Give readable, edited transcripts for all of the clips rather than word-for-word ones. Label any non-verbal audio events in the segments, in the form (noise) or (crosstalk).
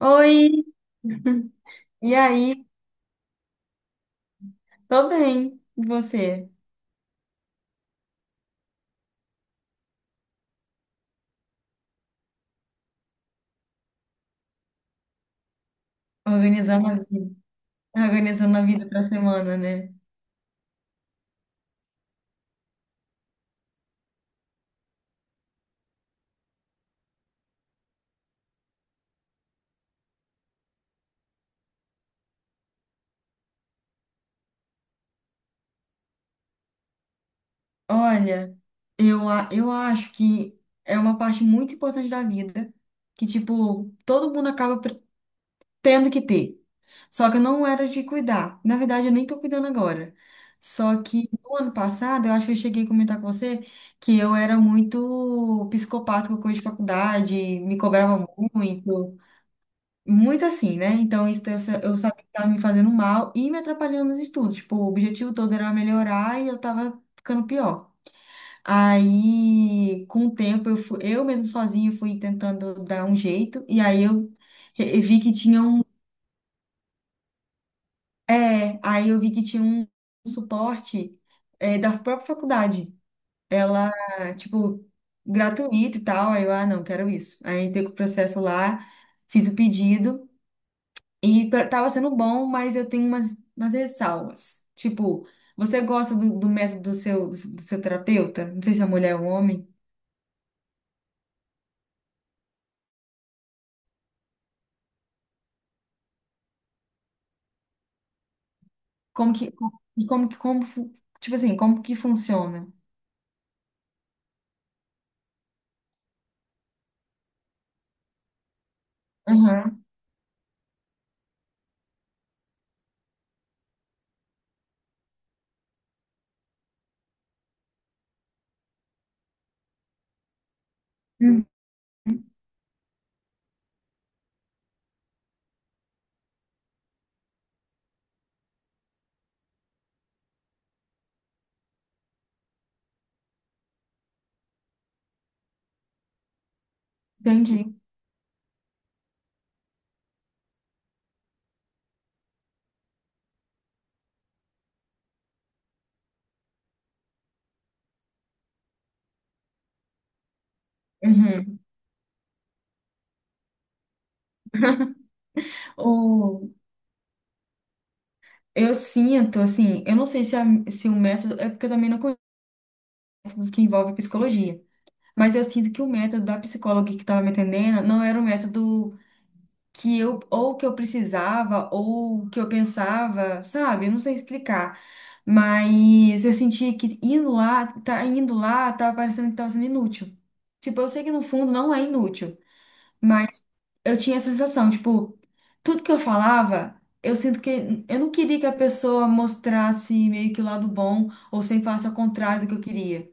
Oi, e aí? Tô bem, e você? Organizando a vida, organizando a vida pra semana, né? Olha, eu acho que é uma parte muito importante da vida que, tipo, todo mundo acaba tendo que ter. Só que eu não era de cuidar. Na verdade, eu nem tô cuidando agora. Só que no ano passado, eu acho que eu cheguei a comentar com você que eu era muito psicopata com coisa de faculdade, me cobrava muito. Muito assim, né? Então, eu sabia que estava me fazendo mal e me atrapalhando nos estudos. Tipo, o objetivo todo era melhorar e eu tava ficando pior. Aí, com o tempo, eu mesmo sozinha fui tentando dar um jeito. E aí eu vi que tinha um. É, aí eu vi que tinha um suporte, da própria faculdade. Ela, tipo, gratuito e tal. Aí eu, ah, não, quero isso. Aí entrei com o processo lá, fiz o pedido. E tava sendo bom, mas eu tenho umas ressalvas. Tipo, você gosta do método do seu terapeuta? Não sei se é mulher ou homem. Como que, e como que, tipo assim, como que funciona? Aham. Uhum. Entendi. Uhum. O, eu sinto, assim, eu não sei se o método, é porque eu também não conheço métodos que envolvem psicologia, mas eu sinto que o método da psicóloga que estava me atendendo não era o método que eu ou que eu precisava ou que eu pensava, sabe? Eu não sei explicar. Mas eu senti que tá indo lá, tava parecendo que tava sendo inútil. Tipo, eu sei que no fundo não é inútil, mas eu tinha essa sensação, tipo, tudo que eu falava, eu sinto que eu não queria que a pessoa mostrasse meio que o lado bom ou sem faça ao contrário do que eu queria.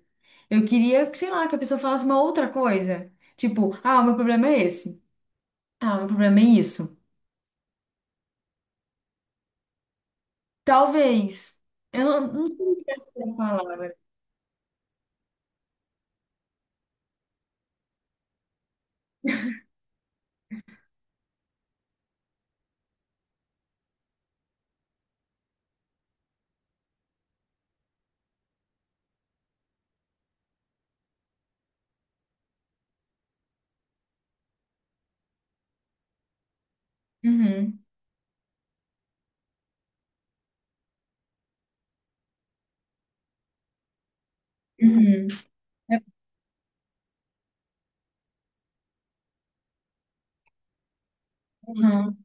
Eu queria, que, sei lá, que a pessoa falasse uma outra coisa. Tipo, ah, o meu problema é esse. Ah, o meu problema é isso. Talvez. Eu não sei se é essa a palavra. Uhum. Uhum. É, uhum.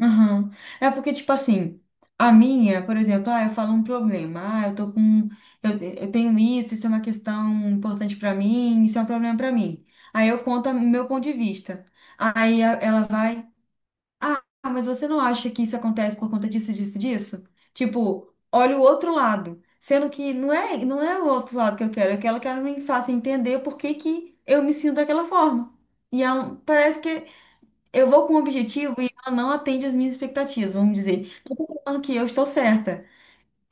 Uhum. É porque, tipo assim, a minha, por exemplo, ah, eu falo um problema. Ah, eu tô com. Eu, eu tenho isso, isso é uma questão importante pra mim, isso é um problema pra mim. Aí eu conto o meu ponto de vista. Ela vai. Ah, mas você não acha que isso acontece por conta disso, disso, disso? Tipo, olha o outro lado. Sendo que não é o outro lado que eu quero que ela me faça entender por que que eu me sinto daquela forma. E é parece que eu vou com um objetivo e ela não atende as minhas expectativas, vamos dizer. Não tô falando que eu estou certa,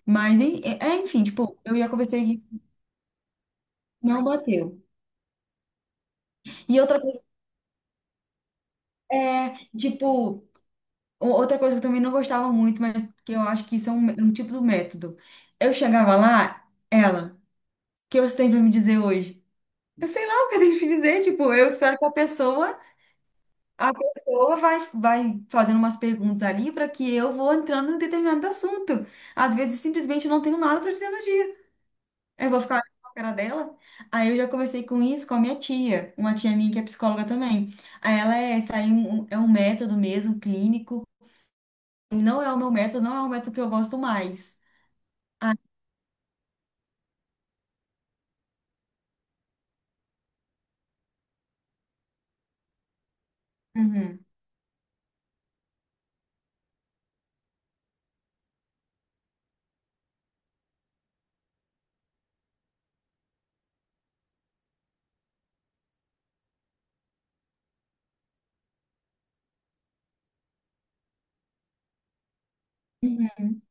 mas enfim, tipo, eu ia conversar e não bateu. E outra coisa é, tipo. Outra coisa que eu também não gostava muito, mas que eu acho que isso é um tipo do método. Eu chegava lá, ela, o que você tem pra me dizer hoje? Eu sei lá o que eu tenho pra dizer, tipo, eu espero que a pessoa vai fazendo umas perguntas ali para que eu vou entrando em determinado assunto. Às vezes, simplesmente, eu não tenho nada para dizer no dia. Eu vou ficar com a cara dela. Aí eu já conversei com isso com a minha tia, uma tia minha que é psicóloga também. Aí ela é, isso aí é é um método mesmo, clínico. Não é o meu método, não é o método que eu gosto mais. Uhum. Uhum.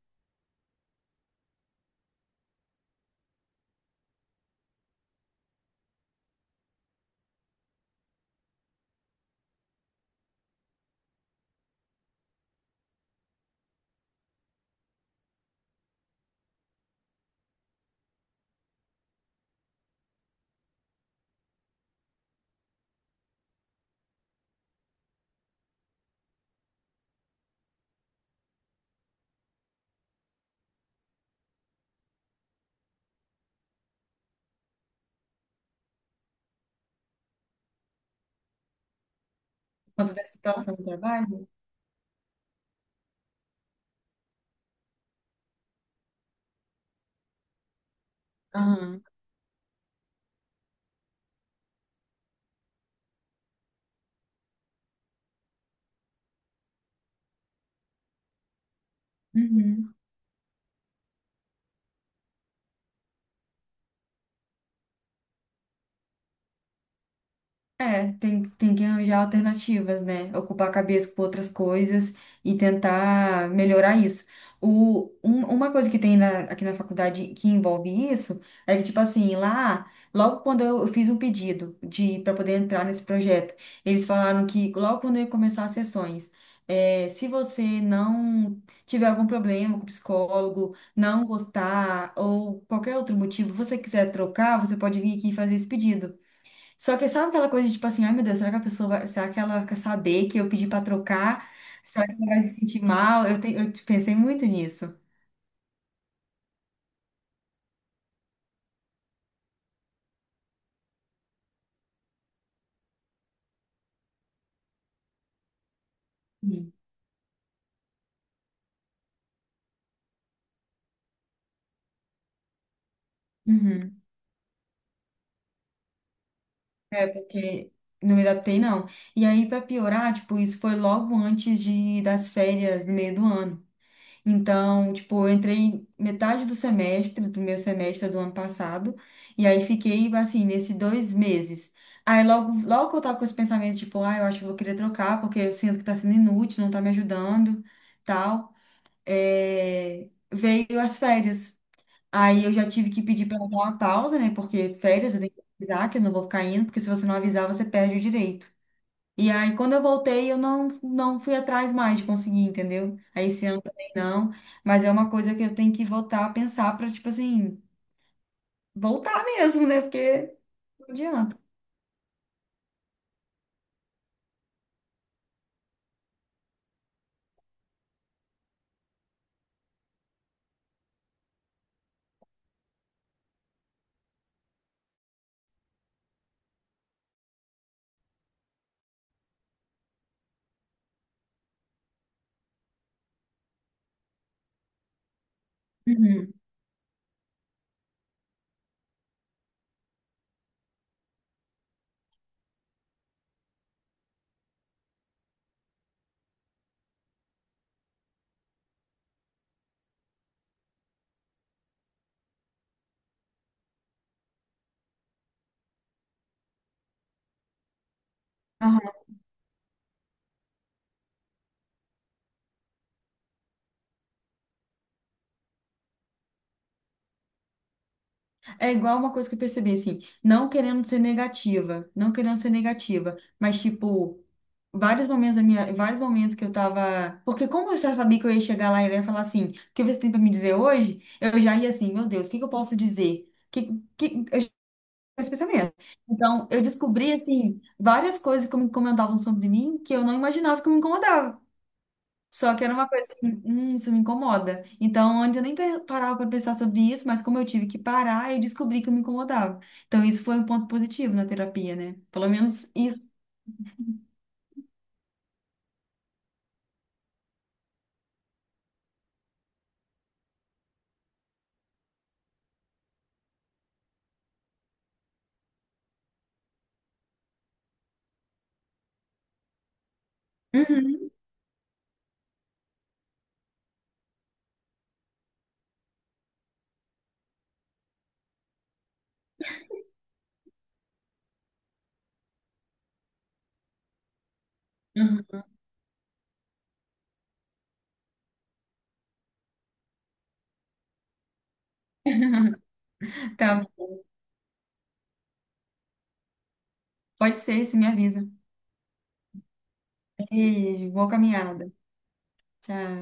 Quando dessa situação do trabalho? Aham. Uhum. É, tem que arranjar alternativas, né? Ocupar a cabeça com outras coisas e tentar melhorar isso. Uma coisa que tem aqui na faculdade que envolve isso é que, tipo assim, lá, logo quando eu fiz um pedido de para poder entrar nesse projeto, eles falaram que logo quando eu ia começar as sessões, é, se você não tiver algum problema com o psicólogo, não gostar ou qualquer outro motivo, você quiser trocar, você pode vir aqui e fazer esse pedido. Só que sabe aquela coisa de tipo assim, ai meu Deus, será que a pessoa vai, será que ela quer saber que eu pedi pra trocar? Será que ela vai se sentir mal? Eu pensei muito nisso. Sim. Uhum. É, porque não me adaptei, não. E aí, pra piorar, tipo, isso foi logo antes de, das férias, no meio do ano. Então, tipo, eu entrei metade do semestre, do primeiro semestre do ano passado, e aí fiquei, assim, nesses dois meses. Aí logo que eu tava com esse pensamento, tipo, ah, eu acho que eu vou querer trocar, porque eu sinto que tá sendo inútil, não tá me ajudando, tal, é, veio as férias. Aí eu já tive que pedir pra dar uma pausa, né, porque férias eu tenho que avisar, que eu não vou ficar indo, porque se você não avisar, você perde o direito. E aí, quando eu voltei, eu não, não fui atrás mais de conseguir, entendeu? Aí esse ano também não. Mas é uma coisa que eu tenho que voltar a pensar pra, tipo assim, voltar mesmo, né? Porque não adianta. Uhum. Aham. É igual uma coisa que eu percebi, assim, não querendo ser negativa, não querendo ser negativa, mas tipo, vários momentos da minha, vários momentos que eu tava. Porque como eu já sabia que eu ia chegar lá e ele ia falar assim, o que você tem pra me dizer hoje? Eu já ia assim, meu Deus, o que que eu posso dizer? Esse pensamento. Então, eu descobri, assim, várias coisas que me incomodavam sobre mim que eu não imaginava que me incomodava. Só que era uma coisa assim, isso me incomoda. Então, antes eu nem parava para pensar sobre isso, mas como eu tive que parar, eu descobri que eu me incomodava. Então, isso foi um ponto positivo na terapia, né? Pelo menos isso. Uhum, uhum. (laughs) Tá, pode ser, se me avisa. Beijo, boa caminhada. Tchau.